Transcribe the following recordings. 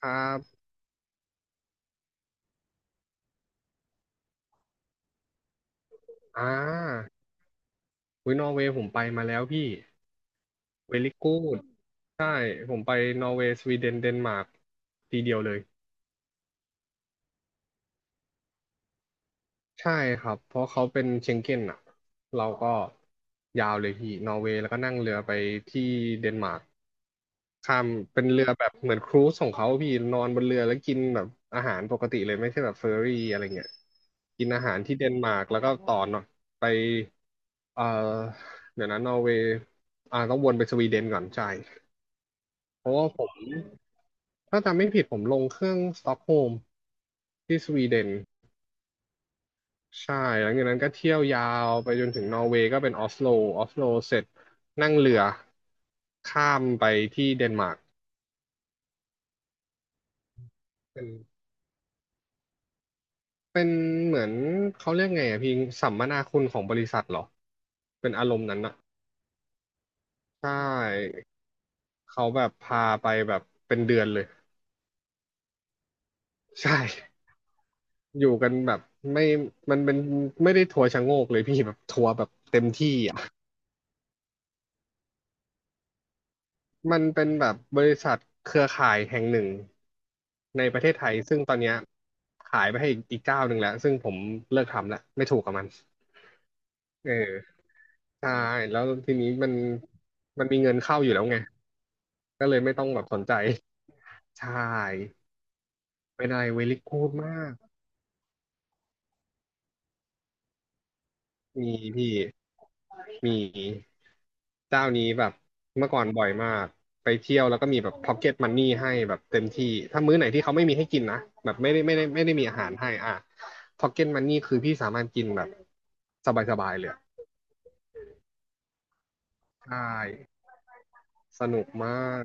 ครับอ่าอุ้ยนอร์เวย์ผมไปมาแล้วพี่เวลิกูดใช่ผมไปนอร์เวย์สวีเดนเดนมาร์กทีเดียวเลยใช่ครับเพราะเขาเป็นเชงเก้นอ่ะเราก็ยาวเลยพี่นอร์เวย์แล้วก็นั่งเรือไปที่เดนมาร์กข้ามเป็นเรือแบบเหมือนครูซของเขาพี่นอนบนเรือแล้วกินแบบอาหารปกติเลยไม่ใช่แบบเฟอร์รี่อะไรเงี้ยกินอาหารที่เดนมาร์กแล้วก็ต่อเนาะไปเอ่อเดี๋ยวนะนอร์เวย์อ่าต้องวนไปสวีเดนก่อนใช่ เพราะว่าผมถ้าจำไม่ผิดผมลงเครื่องสต็อกโฮล์มที่สวีเดนใช่หลังจากนั้นก็เที่ยวยาวไปจนถึงนอร์เวย์ก็เป็นออสโลออสโลเสร็จนั่งเรือข้ามไปที่เดนมาร์กเป็นเป็นเหมือนเขาเรียกไงอะพี่สัมมนาคุณของบริษัทเหรอเป็นอารมณ์นั้นอะใช่เขาแบบพาไปแบบเป็นเดือนเลยใช่อยู่กันแบบไม่มันเป็นไม่ได้ทัวร์ชะโงกเลยพี่แบบทัวร์แบบเต็มที่อะ มันเป็นแบบบริษัทเครือข่ายแห่งหนึ่งในประเทศไทยซึ่งตอนเนี้ยขายไปให้อีกเจ้าหนึ่งแล้วซึ่งผมเลิกทำแล้วไม่ถูกกับมันเออใช่แล้วทีนี้มันมีเงินเข้าอยู่แล้วไงก็เลยไม่ต้องแบบสนใจใช่เป็นอะไรเวลิกูดมากมีพี่ มีเจ้านี้แบบเมื่อก่อนบ่อยมากไปเที่ยวแล้วก็มีแบบพ็อกเก็ตมันนี่ให้แบบเต็มที่ถ้ามื้อไหนที่เขาไม่มีให้กินนะแบบไม่ได้มีอาหารให้อ่ะพ็อกเก็ตมันนี่คือพี่สามารถกินแบบสบายๆเลยอะใช่สนุกมาก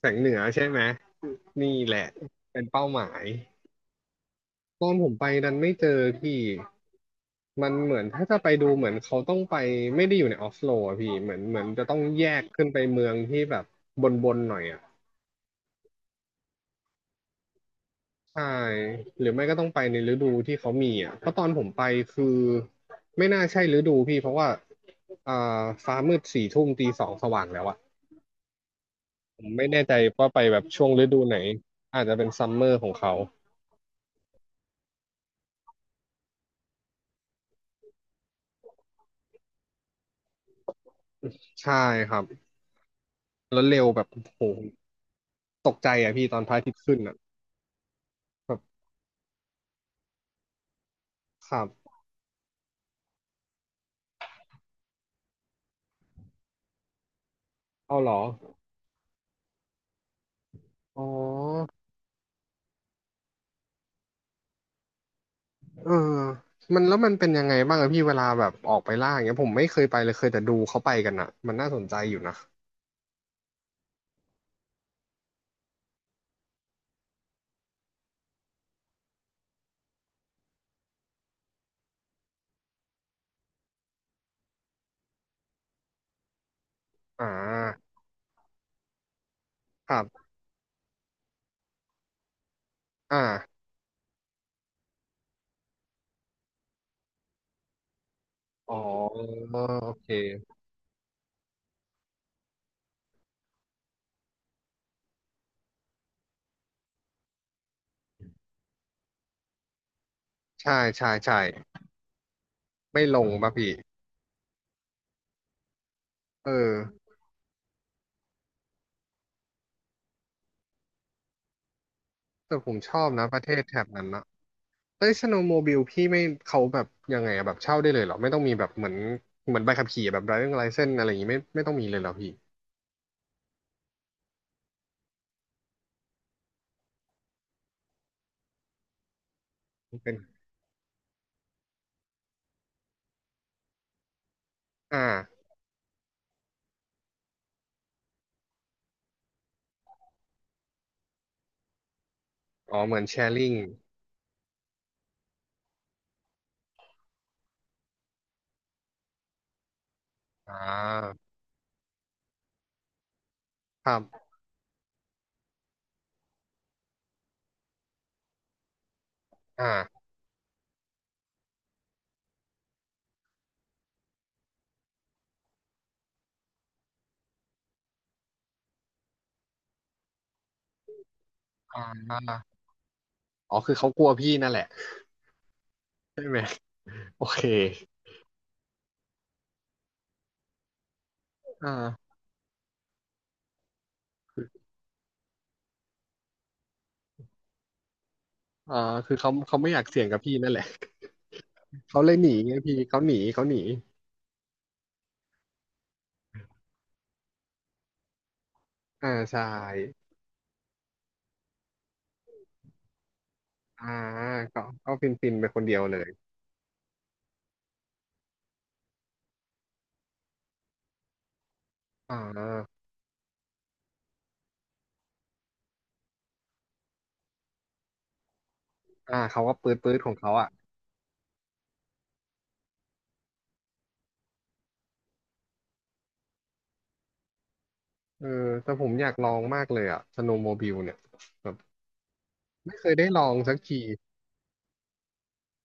แสงเหนือใช่ไหมนี่แหละเป็นเป้าหมายตอนผมไปนั้นไม่เจอพี่มันเหมือนถ้าจะไปดูเหมือนเขาต้องไปไม่ได้อยู่ในออฟโลอะพี่เหมือนจะต้องแยกขึ้นไปเมืองที่แบบบนหน่อยอะ ใช่หรือไม่ก็ต้องไปในฤดูที่เขามีอ่ะเพราะตอนผมไปคือไม่น่าใช่ฤดูพี่เพราะว่าอ่าฟ้ามืดสี่ทุ่มตีสองสว่างแล้วอ่ะผมไม่แน่ใจว่าไปแบบช่วงฤดูไหนอาจจะเป็นซัมเมอร์ของเขาใช่ครับแล้วเร็วแบบโอ้โหตกใจอ่ะพี่ตอนพระอาทิตย์ขึ้นอ่ะแบบครับเอาเหรออ๋อเออมันแล้วมันเป็นยังไงบ้างอะพี่เวลาแบบออกไปล่าอย่างเงี้ยผมไม่เคยไปเลยเคยแต่ดูเขาไปกันอะมันน่าสนใจอยู่นะอ่าครับอ่า อ๋อ โอเค ใช่ใช่ใช่ไม่ลงป่ะพี่ เออ แต่ผมชอบนะประเทศแถบนั้นนะเอ้ยสโนว์โมบิลพี่ไม่เขาแบบยังไงอะแบบเช่าได้เลยเหรอ ไม่ต้องมีแบบเหมือนใบขับขี่แบบไดร v i ิ g งไลเซนอะไรอย่างงี้ไม่ต้องมีเลยเหรอพี่เป็นอ่าอ๋อ เหมือนแชร์ลิงอ่าครับอ่าอ่าอ๋อ คือเขากลัวพี่นั่นแหละใช่ไหม โอเคอ่าอ่าคือเขาไม่อยากเสี่ยงกับพี่นั่นแหละ เขาเลยหนีไงพี่เขาหนีเขาหนีอ่าใช่ อ่าก็ก็ฟินฟินไปคนเดียวเลยอ่าอ่าเขาก็ปื๊ดปื๊ดของเขาอ่ะเออแต่ผมอยากลองมากเลยอ่ะสโนว์โมบิลเนี่ยแบบไม่เคยได้ลองสักที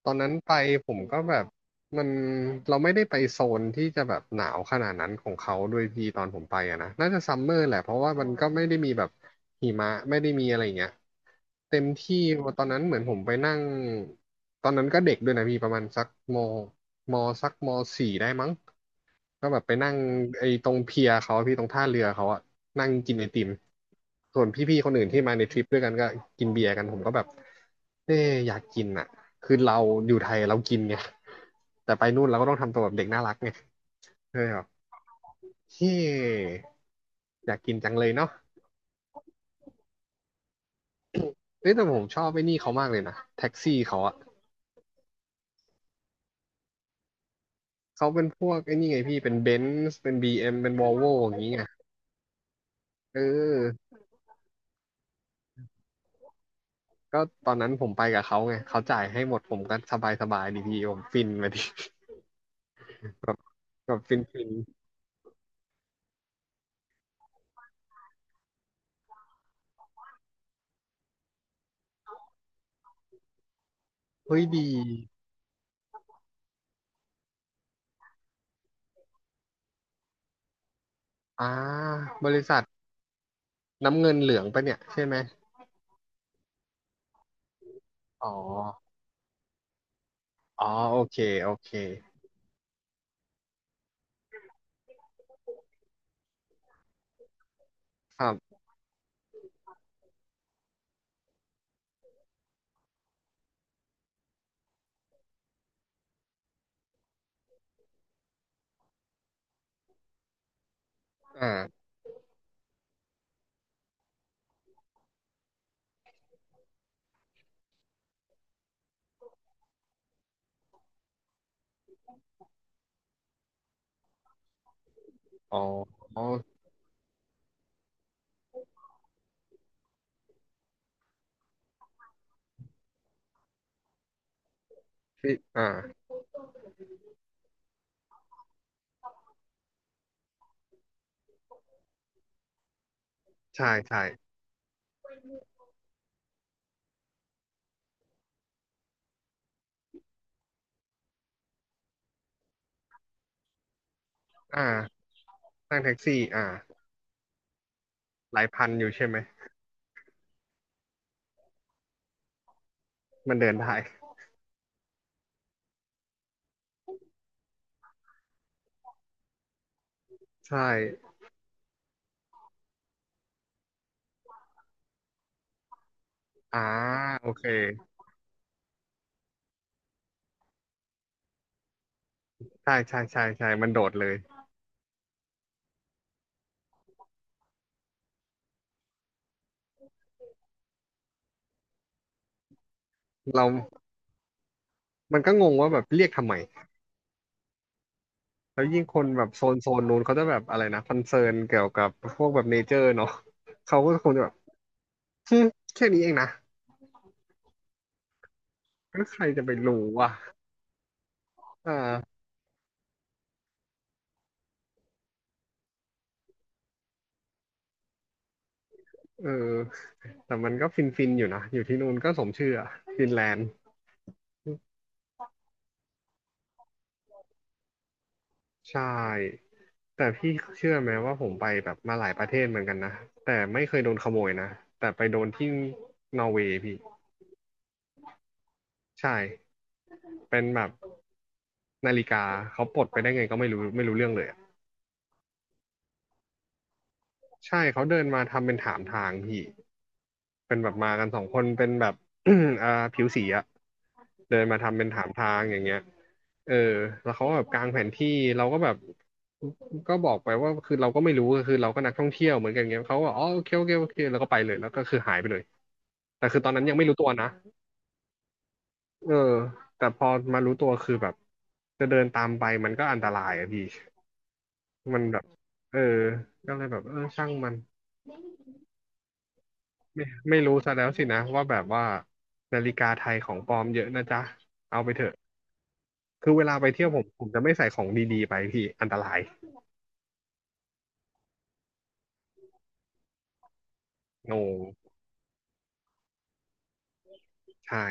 ตอนนั้นไปผมก็แบบมันเราไม่ได้ไปโซนที่จะแบบหนาวขนาดนั้นของเขาด้วยพี่ตอนผมไปอ่ะนะน่าจะซัมเมอร์แหละเพราะว่ามันก็ไม่ได้มีแบบหิมะไม่ได้มีอะไรอย่างเงี้ยเต็มที่ตอนนั้นเหมือนผมไปนั่งตอนนั้นก็เด็กด้วยนะพี่ประมาณสักมมสักมสี่ได้มั้ง ก็แบบไปนั่งไอ้ตรงเพียเขาอะพี่ตรงท่าเรือเขาอะนั่งกินไอติมส่วนพี่ๆคนอื่นที่มาในทริปด้วยกันก็กินเบียร์กันผมก็แบบเอ๊ะอยากกินอ่ะคือเราอยู่ไทยเรากินไงแต่ไปนู่นเราก็ต้องทำตัวแบบเด็กน่ารักไงเออแบบเฮ้อยากกินจังเลยเนาะเอ้ยแต่ผมชอบไอ้นี่เขามากเลยนะแท็กซี่เขาอะเขาเป็นพวกไอ้นี่ไงพี่เป็นเบนซ์เป็นBMเป็นวอลโวอย่างงี้ไงเออ ก็ตอนนั้นผมไปกับเขาไงเขาจ่ายให้หมดผมก็สบายสบายดีพี่ผมฟินไปดิ แบบแบบฟินฟินเฮ้ยดีอ่าบริษัทน้ำเงินเหลืองปะเนี่ยใช่ไหมอ๋ออ๋อโอเคโอเคครับอ่าอ๋อพี่อ่าใช่ใช่อ่านั่งแท็กซี่อ่าหลายพันอยู่ใช่ไหมมันเดินได้ใช่อ่าโอเคใช่ใช่ใช่ใช่มันโดดเลยเรามันก็งงว่าแบบเรียกทำไม แล้วยิ่งคนแบบโซนนู้นเขาจะแบบอะไรนะคอนเซิร์นเกี่ยวกับพวกแบบเนเจอร์เนาะเขาก็คงจะแบบฮึแค่นี้เองนะแล้วใครจะไปรู้อ่ะอ่าเออแต่มันก็ฟินฟินอยู่นะอยู่ที่นู่นก็สมชื่ออะฟินแลนด์ใช่แต่พี่เชื่อไหมว่าผมไปแบบมาหลายประเทศเหมือนกันนะแต่ไม่เคยโดนขโมยนะแต่ไปโดนที่นอร์เวย์พี่ใช่เป็นแบบนาฬิกาเขาปลดไปได้ไงก็ไม่รู้ไม่รู้เรื่องเลยอะใช่เขาเดินมาทำเป็นถามทางพี่ เป็นแบบมากันสองคนเป็นแบบ อ่าผิวสีอะเดินมาทำเป็นถามทางอย่างเงี้ยเออแล้วเขาก็แบบกางแผนที่เราก็แบบก็บอกไปว่าคือเราก็ไม่รู้คือเราก็นักท่องเที่ยวเหมือนกันเงี้ยเขาก็อ๋อโอเคโอเคโอเคแล้วก็ไปเลยแล้วก็คือหายไปเลยแต่คือตอนนั้นยังไม่รู้ตัวนะเออแต่พอมารู้ตัวคือแบบจะเดินตามไปมันก็อันตรายอะพี่มันแบบเออก็เลยแบบเออช่างมัน ไม่ไม่รู้ซะแล้วสินะว่าแบบว่านาฬิกาไทยของปลอมเยอะนะจ๊ะเอาไปเถอะคือเวลาไปเที่ยวผมจะไม่ใส่ของดีๆไปพี่อันตรายงงใช่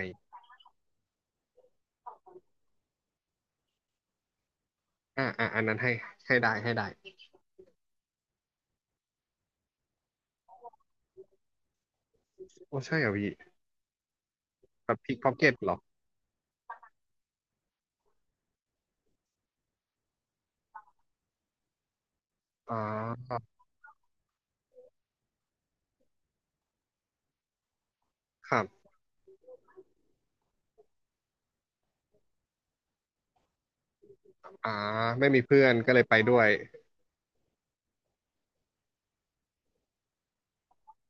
อ่าอ่าอันนั้นให้ได้ให้ได้โอ้ใช่เหรอพี่แบบพิกพ็อกเก็ตหรออ่าครับอ่าไม่มีเพื่อนก็เลยไปด้วย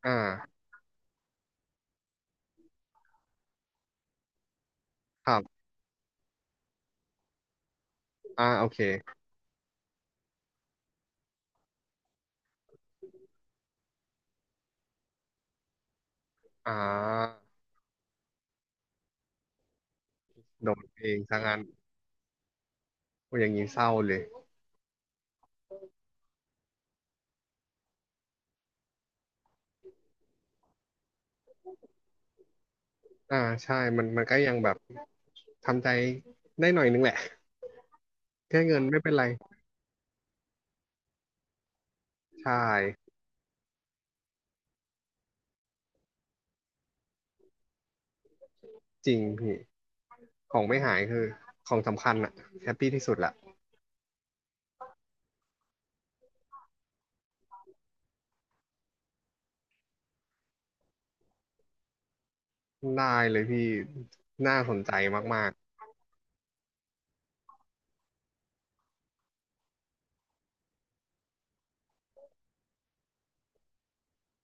อ่าครับอ่าโอเคอ่าโดนเองซะงั้นโอ้อย่างนี้เศร้าเลยอ่าใช่มันก็ยังแบบทำใจได้หน่อยนึงแหละแค่เงินไม่เป็นไรใช่ จริงพี่ของไม่หายคือของสำคัญอะแฮปปี้ที่สุดละได้เลยพี่น่าสนใจมาก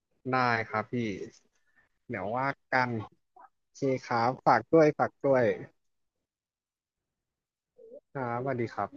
ๆได้ครับพี่เดี๋ยวว่ากันโอเคครับฝากด้วยฝากด้วยครับสวัสดีครับ